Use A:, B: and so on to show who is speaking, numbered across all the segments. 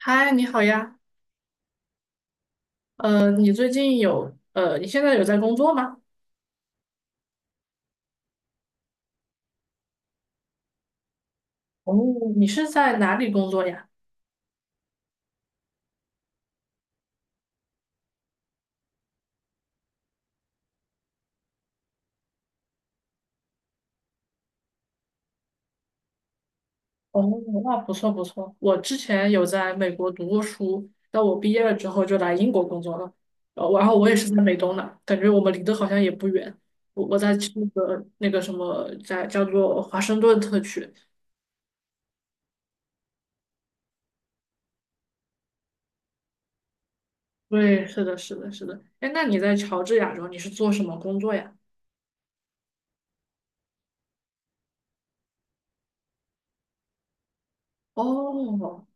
A: 嗨，你好呀。你现在有在工作吗？哦，你是在哪里工作呀？哦，那不错不错。我之前有在美国读过书，但我毕业了之后就来英国工作了。然后我也是在美东的，感觉我们离得好像也不远。我在那个什么，在叫做华盛顿特区。对，是的，是的，是的。哎，那你在乔治亚州，你是做什么工作呀？哦，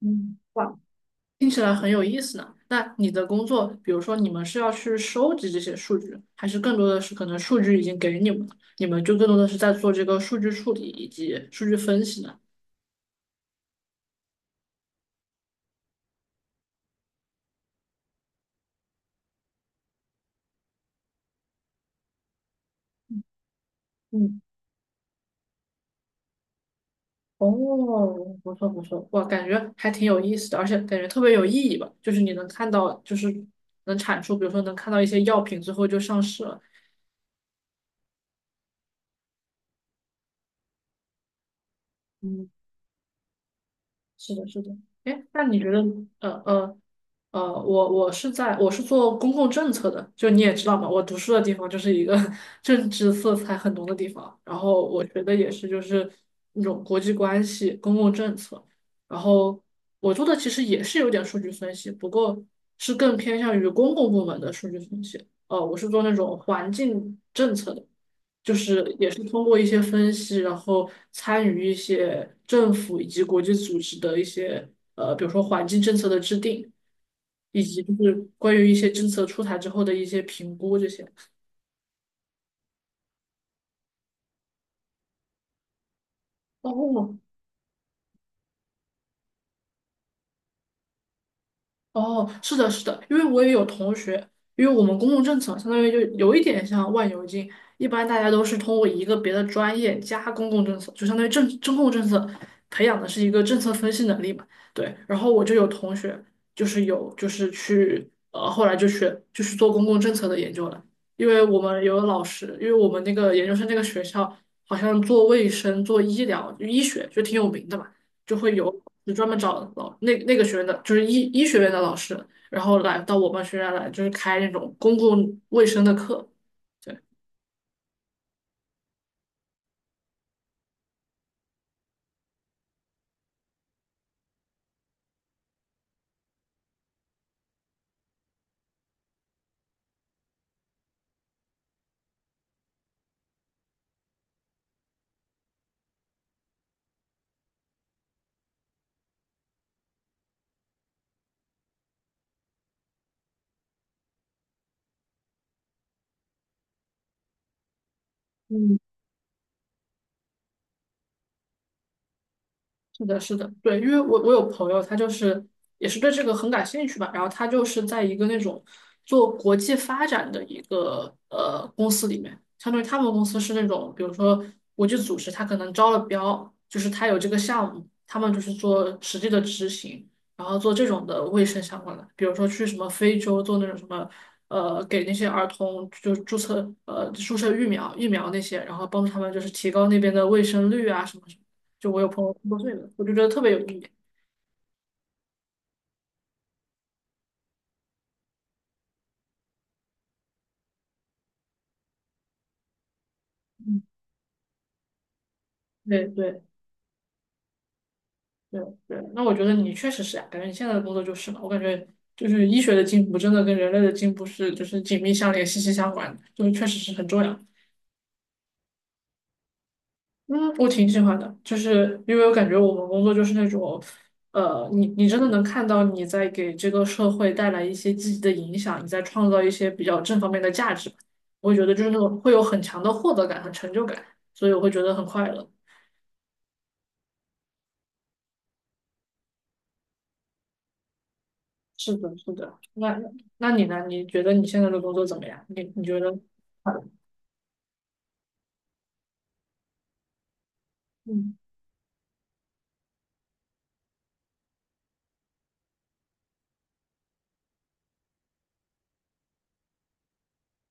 A: 嗯。哇。听起来很有意思呢。那你的工作，比如说你们是要去收集这些数据，还是更多的是可能数据已经给你们了，你们就更多的是在做这个数据处理以及数据分析呢？嗯，哦，不错不错，哇，感觉还挺有意思的，而且感觉特别有意义吧。就是你能看到，就是能产出，比如说能看到一些药品最后就上市了。嗯。是的，是的。哎，那你觉得，呃呃我是做公共政策的，就你也知道嘛，我读书的地方就是一个 政治色彩很浓的地方，然后我觉得也是就是那种国际关系、公共政策，然后我做的其实也是有点数据分析，不过是更偏向于公共部门的数据分析。我是做那种环境政策的，就是也是通过一些分析，然后参与一些政府以及国际组织的一些比如说环境政策的制定，以及就是关于一些政策出台之后的一些评估这些。哦，哦，是的，是的，因为我也有同学，因为我们公共政策相当于就有一点像万油精，一般大家都是通过一个别的专业加公共政策，就相当于政中共政策培养的是一个政策分析能力嘛。对，然后我就有同学就是有就是去后来就学就是做公共政策的研究了，因为我们有老师，因为我们那个研究生那个学校好像做卫生、做医疗、医学就挺有名的嘛。就会有就专门找那个学院的，就是医学院的老师，然后来到我们学院来，就是开那种公共卫生的课。对。嗯。是的，是的，对，因为我有朋友，他就是也是对这个很感兴趣吧，然后他就是在一个那种做国际发展的一个公司里面，相当于他们公司是那种，比如说国际组织，他可能招了标，就是他有这个项目，他们就是做实际的执行，然后做这种的卫生相关的，比如说去什么非洲做那种什么给那些儿童就是注射疫苗那些，然后帮助他们就是提高那边的卫生率啊什么什么。就我有朋友工作岁的，我就觉得特别有意义。嗯对对对对，那我觉得你确实是啊，感觉你现在的工作就是嘛，我感觉就是医学的进步真的跟人类的进步是就是紧密相连、息息相关的就是确实是很重要。嗯，我挺喜欢的，就是因为我感觉我们工作就是那种，你真的能看到你在给这个社会带来一些积极的影响，你在创造一些比较正方面的价值吧，我会觉得就是那种会有很强的获得感和成就感，所以我会觉得很快乐。是的，是的。那你呢？你觉得你现在的工作怎么样？你觉得？嗯，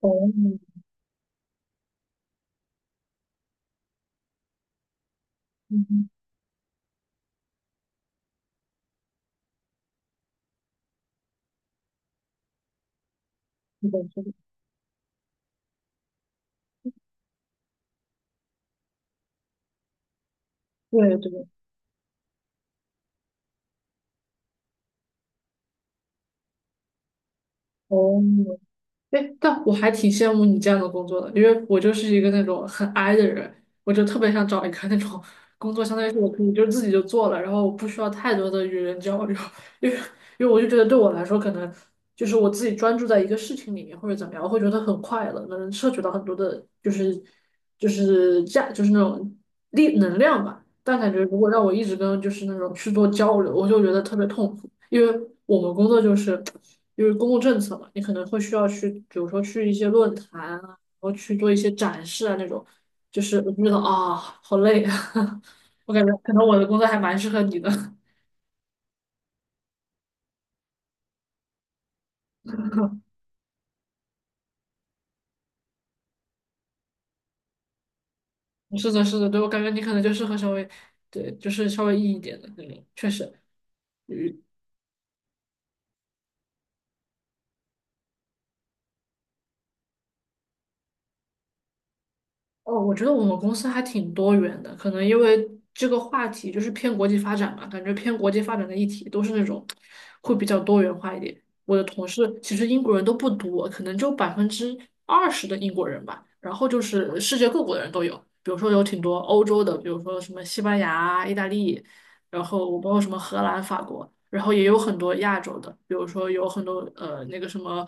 A: 哦，嗯，是的，是的，对对，哦，哎，但我还挺羡慕你这样的工作的，因为我就是一个那种很 i 的人，我就特别想找一个那种工作，相当于是我可以就自己就做了，然后我不需要太多的与人交流，因为因为我就觉得对我来说，可能就是我自己专注在一个事情里面或者怎么样，我会觉得很快乐，能摄取到很多的，就是就是价，就是那种力能量吧。但感觉如果让我一直跟就是那种去做交流，我就觉得特别痛苦，因为我们工作就是公共政策嘛，你可能会需要去，比如说去一些论坛啊，然后去做一些展示啊那种，就是我就觉得啊，好累啊，我感觉可能我的工作还蛮适合你的。是的，是的，对，我感觉你可能就适合稍微，对，就是稍微硬一点的那种，确实，哦，我觉得我们公司还挺多元的，可能因为这个话题就是偏国际发展嘛，感觉偏国际发展的议题都是那种会比较多元化一点。我的同事其实英国人都不多，可能就20%的英国人吧，然后就是世界各国的人都有，比如说有挺多欧洲的，比如说什么西班牙、意大利，然后我包括什么荷兰、法国，然后也有很多亚洲的，比如说有很多那个什么。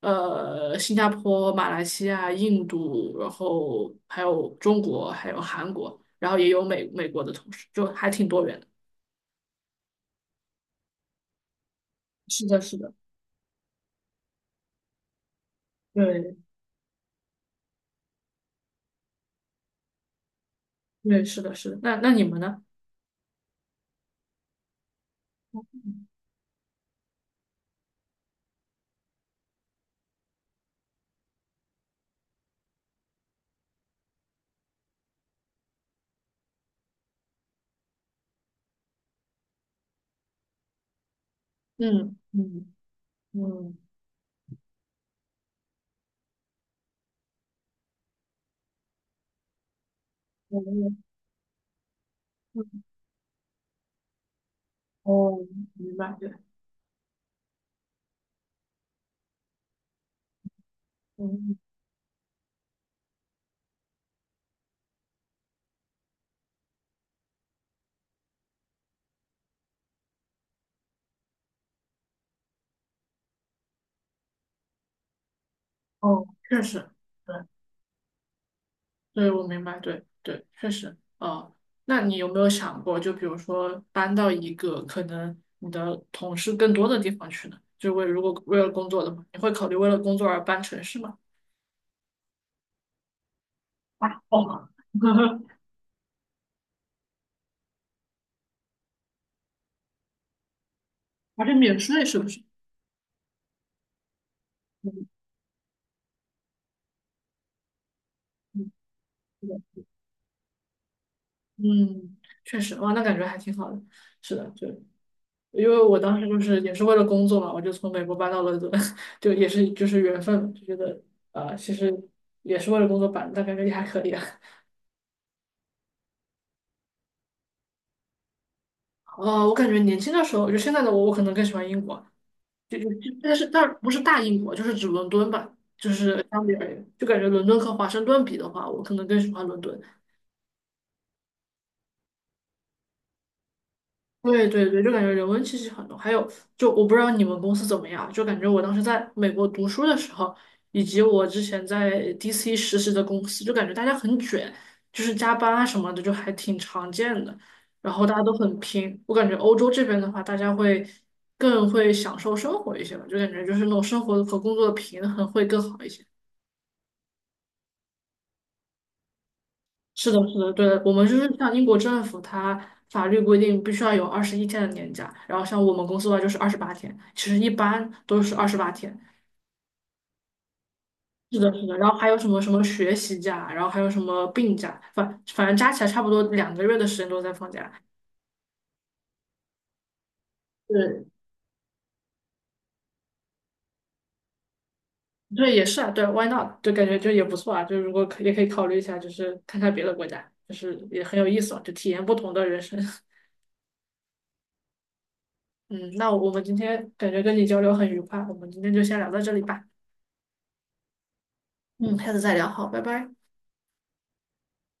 A: 新加坡、马来西亚、印度，然后还有中国，还有韩国，然后也有美国的同事，就还挺多元的。是的，是的，对对，是的，是的。那你们呢？嗯嗯嗯，我们也嗯哦，明白，对，嗯哦，确实。对。对，我明白，对对，确实，哦，那你有没有想过，就比如说搬到一个可能你的同事更多的地方去呢？就为如果为了工作的话，你会考虑为了工作而搬城市吗？哦，而且免税是不是？嗯嗯，是的嗯，确实，哇，那感觉还挺好的。是的，就因为我当时就是也是为了工作嘛，我就从美国搬到了伦敦，就也是就是缘分，就觉得其实也是为了工作搬的但感觉也还可以啊。我感觉年轻的时候，就现在的我，我可能更喜欢英国，就就就，但不是大英国，就是指伦敦吧，就是相比而言，就感觉伦敦和华盛顿比的话，我可能更喜欢伦敦。对对对，就感觉人文气息很浓。还有，就我不知道你们公司怎么样，就感觉我当时在美国读书的时候，以及我之前在 DC 实习的公司，就感觉大家很卷，就是加班啊什么的，就还挺常见的。然后大家都很拼，我感觉欧洲这边的话，大家会更会享受生活一些吧，就感觉就是那种生活和工作的平衡会更好一些。是的，是的，对的我们就是像英国政府，它法律规定必须要有21天的年假，然后像我们公司的话就是二十八天，其实一般都是二十八天。是的，是的，然后还有什么什么学习假，然后还有什么病假，反正加起来差不多2个月的时间都在放假。对，对，也是啊，对，why not？就感觉就也不错啊，就如果也可以考虑一下，就是看看别的国家，就是也很有意思嘛，就体验不同的人生。嗯，那我们今天感觉跟你交流很愉快，我们今天就先聊到这里吧。嗯，下次再聊，好，拜拜。